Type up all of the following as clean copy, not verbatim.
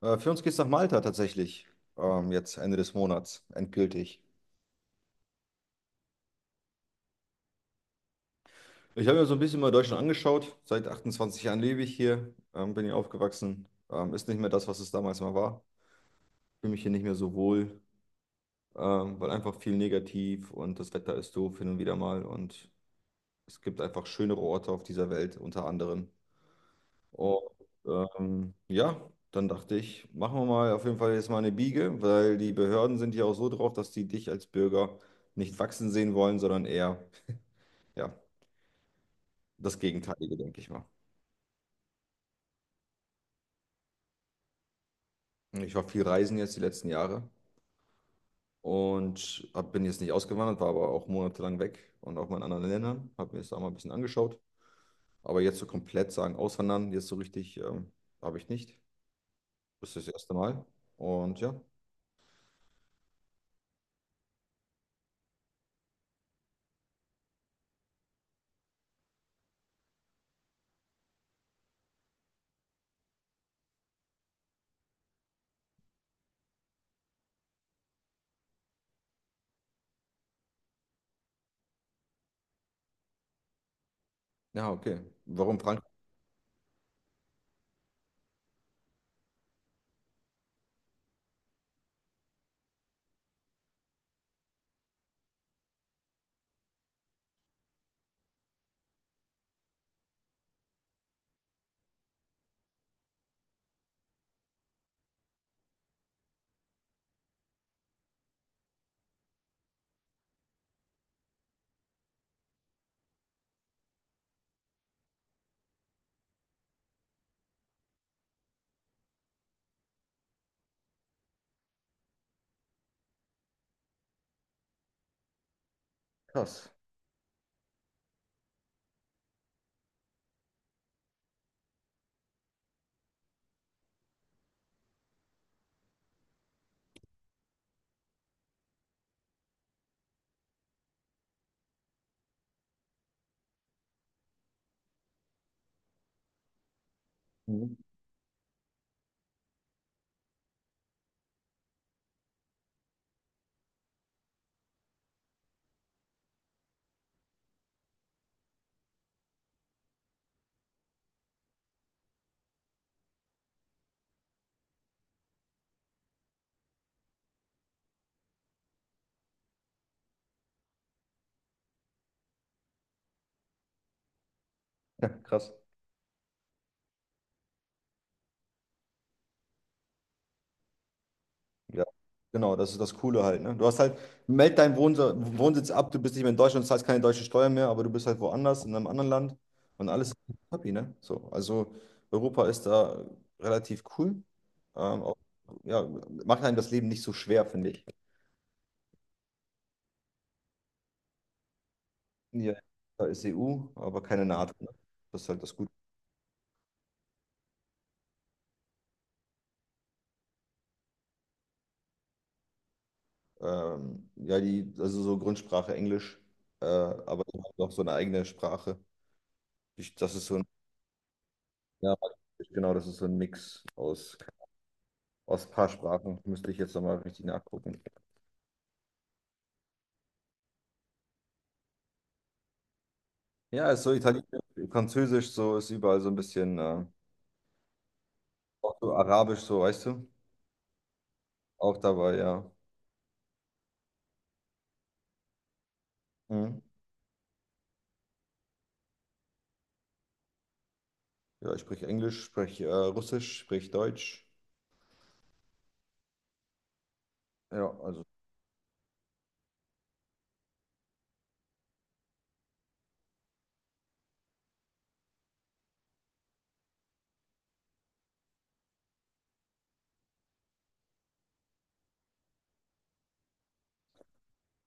Für uns geht's nach Malta tatsächlich. Jetzt Ende des Monats, endgültig. Ich habe mir so ein bisschen mal Deutschland angeschaut. Seit 28 Jahren lebe ich hier, bin hier aufgewachsen. Ist nicht mehr das, was es damals mal war. Fühle mich hier nicht mehr so wohl, weil einfach viel negativ und das Wetter ist doof hin und wieder mal. Und es gibt einfach schönere Orte auf dieser Welt, unter anderem. Und ja, dann dachte ich, machen wir mal auf jeden Fall jetzt mal eine Biege, weil die Behörden sind ja auch so drauf, dass die dich als Bürger nicht wachsen sehen wollen, sondern eher, ja, das Gegenteilige, denke ich mal. Ich war viel reisen jetzt die letzten Jahre und bin jetzt nicht ausgewandert, war aber auch monatelang weg und auch mal in anderen Ländern, habe mir das da mal ein bisschen angeschaut. Aber jetzt so komplett sagen, auswandern, jetzt so richtig, habe ich nicht. Das ist das erste Mal. Und ja, ja, okay. Warum Frankreich? Krass. Mhm. Ja, krass. Ja, genau, das ist das Coole halt, ne? Du hast halt, meld deinen Wohnsitz ab, du bist nicht mehr in Deutschland, zahlst keine deutsche Steuer mehr, aber du bist halt woanders, in einem anderen Land und alles ist happy, ne? So, also Europa ist da relativ cool. Auch, ja, macht einem das Leben nicht so schwer, finde ich. Ja, da ist EU, aber keine NATO, ne? Das ist halt das Gute. Ja, die, also so Grundsprache Englisch, aber die haben noch so eine eigene Sprache. Das ist so ein, ja, genau, das ist so ein Mix aus. Aus ein paar Sprachen müsste ich jetzt nochmal richtig nachgucken. Ja, ist so Italienisch, Französisch, so ist überall so ein bisschen, auch so Arabisch, so weißt du, auch dabei, ja. Mhm. Ja, ich spreche Englisch, spreche Russisch, spreche Deutsch. Ja, also,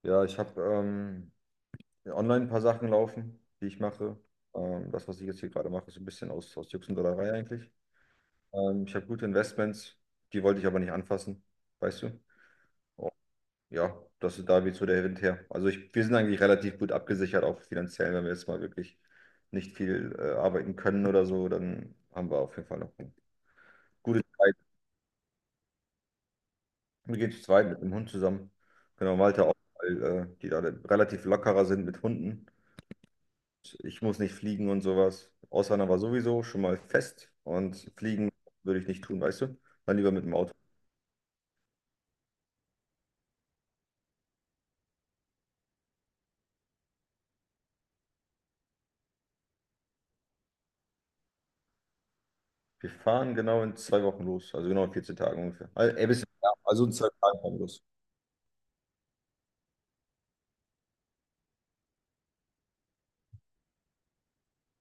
ja, ich habe online ein paar Sachen laufen, die ich mache. Das, was ich jetzt hier gerade mache, ist ein bisschen aus Jux und Dollerei eigentlich. Ich habe gute Investments, die wollte ich aber nicht anfassen, weißt du? Ja, das ist da weht so der Wind her. Also wir sind eigentlich relativ gut abgesichert, auch finanziell, wenn wir jetzt mal wirklich nicht viel arbeiten können oder so, dann haben wir auf jeden Fall noch eine gute Zeit. Wir gehen zu zweit mit dem Hund zusammen. Genau, Malte auch, weil die da relativ lockerer sind mit Hunden. Ich muss nicht fliegen und sowas. Auswandern war sowieso schon mal fest und fliegen würde ich nicht tun, weißt du? Dann lieber mit dem Auto. Wir fahren genau in 2 Wochen los, also genau in 14 Tagen ungefähr. Also, ey, bisschen, ja, also in 2 Tagen fahren wir los.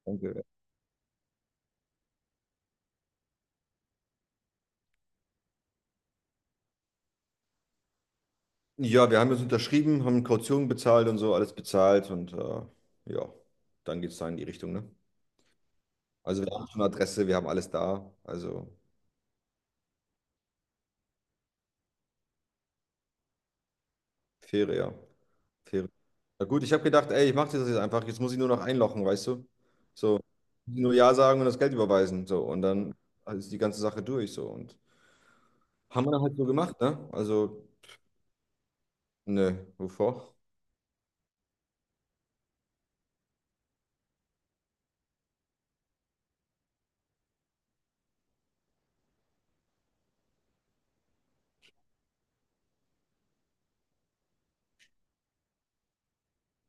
Danke. Ja, wir haben jetzt unterschrieben, haben Kaution bezahlt und so, alles bezahlt und ja, dann geht es da in die Richtung, ne? Also wir haben schon Adresse, wir haben alles da, also faire, ja, faire. Na gut, ich habe gedacht, ey, ich mache das jetzt einfach, jetzt muss ich nur noch einlochen, weißt du? So, nur Ja sagen und das Geld überweisen, so, und dann ist die ganze Sache durch, so, und haben wir dann halt so gemacht, ne? Also, ne, wovor?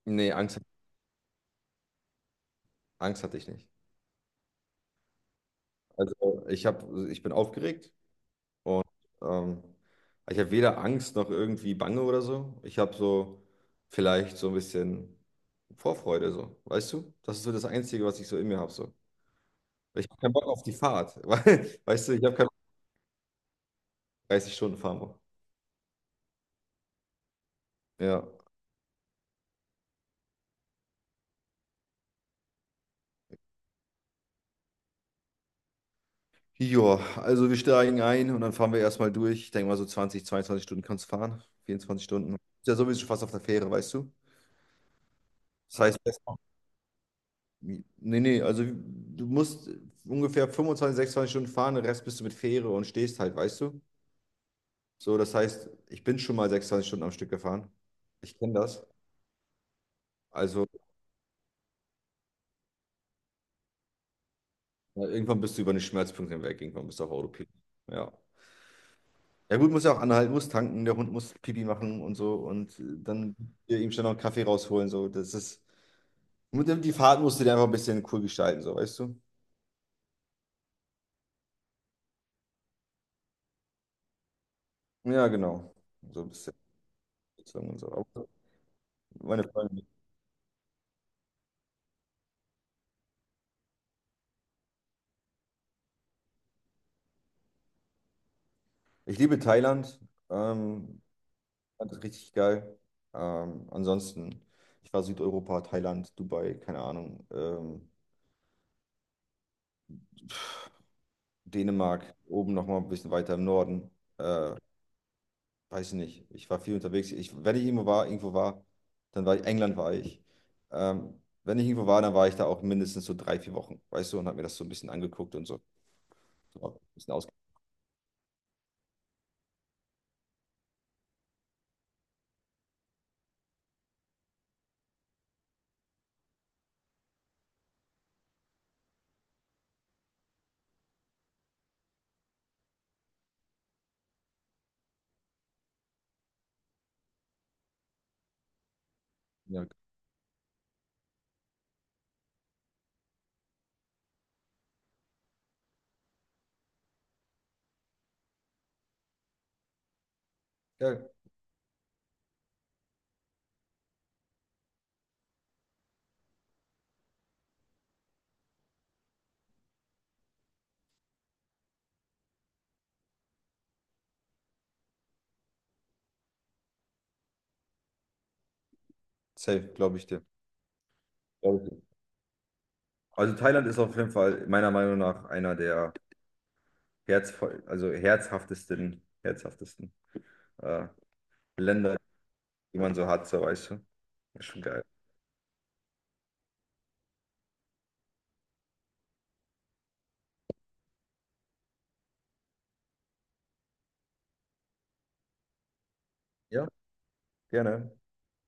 Nee, Angst, Angst hatte ich nicht. Also ich bin aufgeregt. Ähm, Ich habe weder Angst noch irgendwie Bange oder so. Ich habe so vielleicht so ein bisschen Vorfreude, so, weißt du? Das ist so das Einzige, was ich so in mir habe. So. Ich habe keinen Bock auf die Fahrt. Weißt du, ich habe keinen Bock auf 30 Stunden fahren. Ja. Joa, also wir steigen ein und dann fahren wir erstmal durch. Ich denke mal so 20, 22 Stunden kannst du fahren. 24 Stunden. Ist ja sowieso schon fast auf der Fähre, weißt du? Das heißt, nee, nee, also du musst ungefähr 25, 26 Stunden fahren, den Rest bist du mit Fähre und stehst halt, weißt du? So, das heißt, ich bin schon mal 26 Stunden am Stück gefahren. Ich kenne das. Also, ja, irgendwann bist du über den Schmerzpunkt hinweg, irgendwann bist du auf Autopilot. Ja. Ja gut, muss ja auch anhalten, muss tanken, der Hund muss Pipi machen und so und dann hier ihm schnell noch einen Kaffee rausholen. So. Das ist. Und dann die Fahrt musst du dir einfach ein bisschen cool gestalten, so, weißt du? Ja, genau. So ein bisschen Abwechslung und so. Aber meine Freunde. Ich liebe Thailand. Ähm, Fand das richtig geil. Ansonsten, ich war Südeuropa, Thailand, Dubai, keine Ahnung. Dänemark, oben nochmal ein bisschen weiter im Norden. Äh, Weiß ich nicht. Ich war viel unterwegs. Wenn ich irgendwo war, England war ich. Wenn ich irgendwo war, dann war ich da auch mindestens so 3, 4 Wochen, weißt du, und habe mir das so ein bisschen angeguckt und so. So, ein bisschen aus. Ja, ja, safe, glaube ich dir. Glaub ich dir. Also Thailand ist auf jeden Fall meiner Meinung nach einer der herzvoll, also herzhaftesten, herzhaftesten äh, Länder, die man so hat, so weißt du. Ist schon geil. Ja, gerne.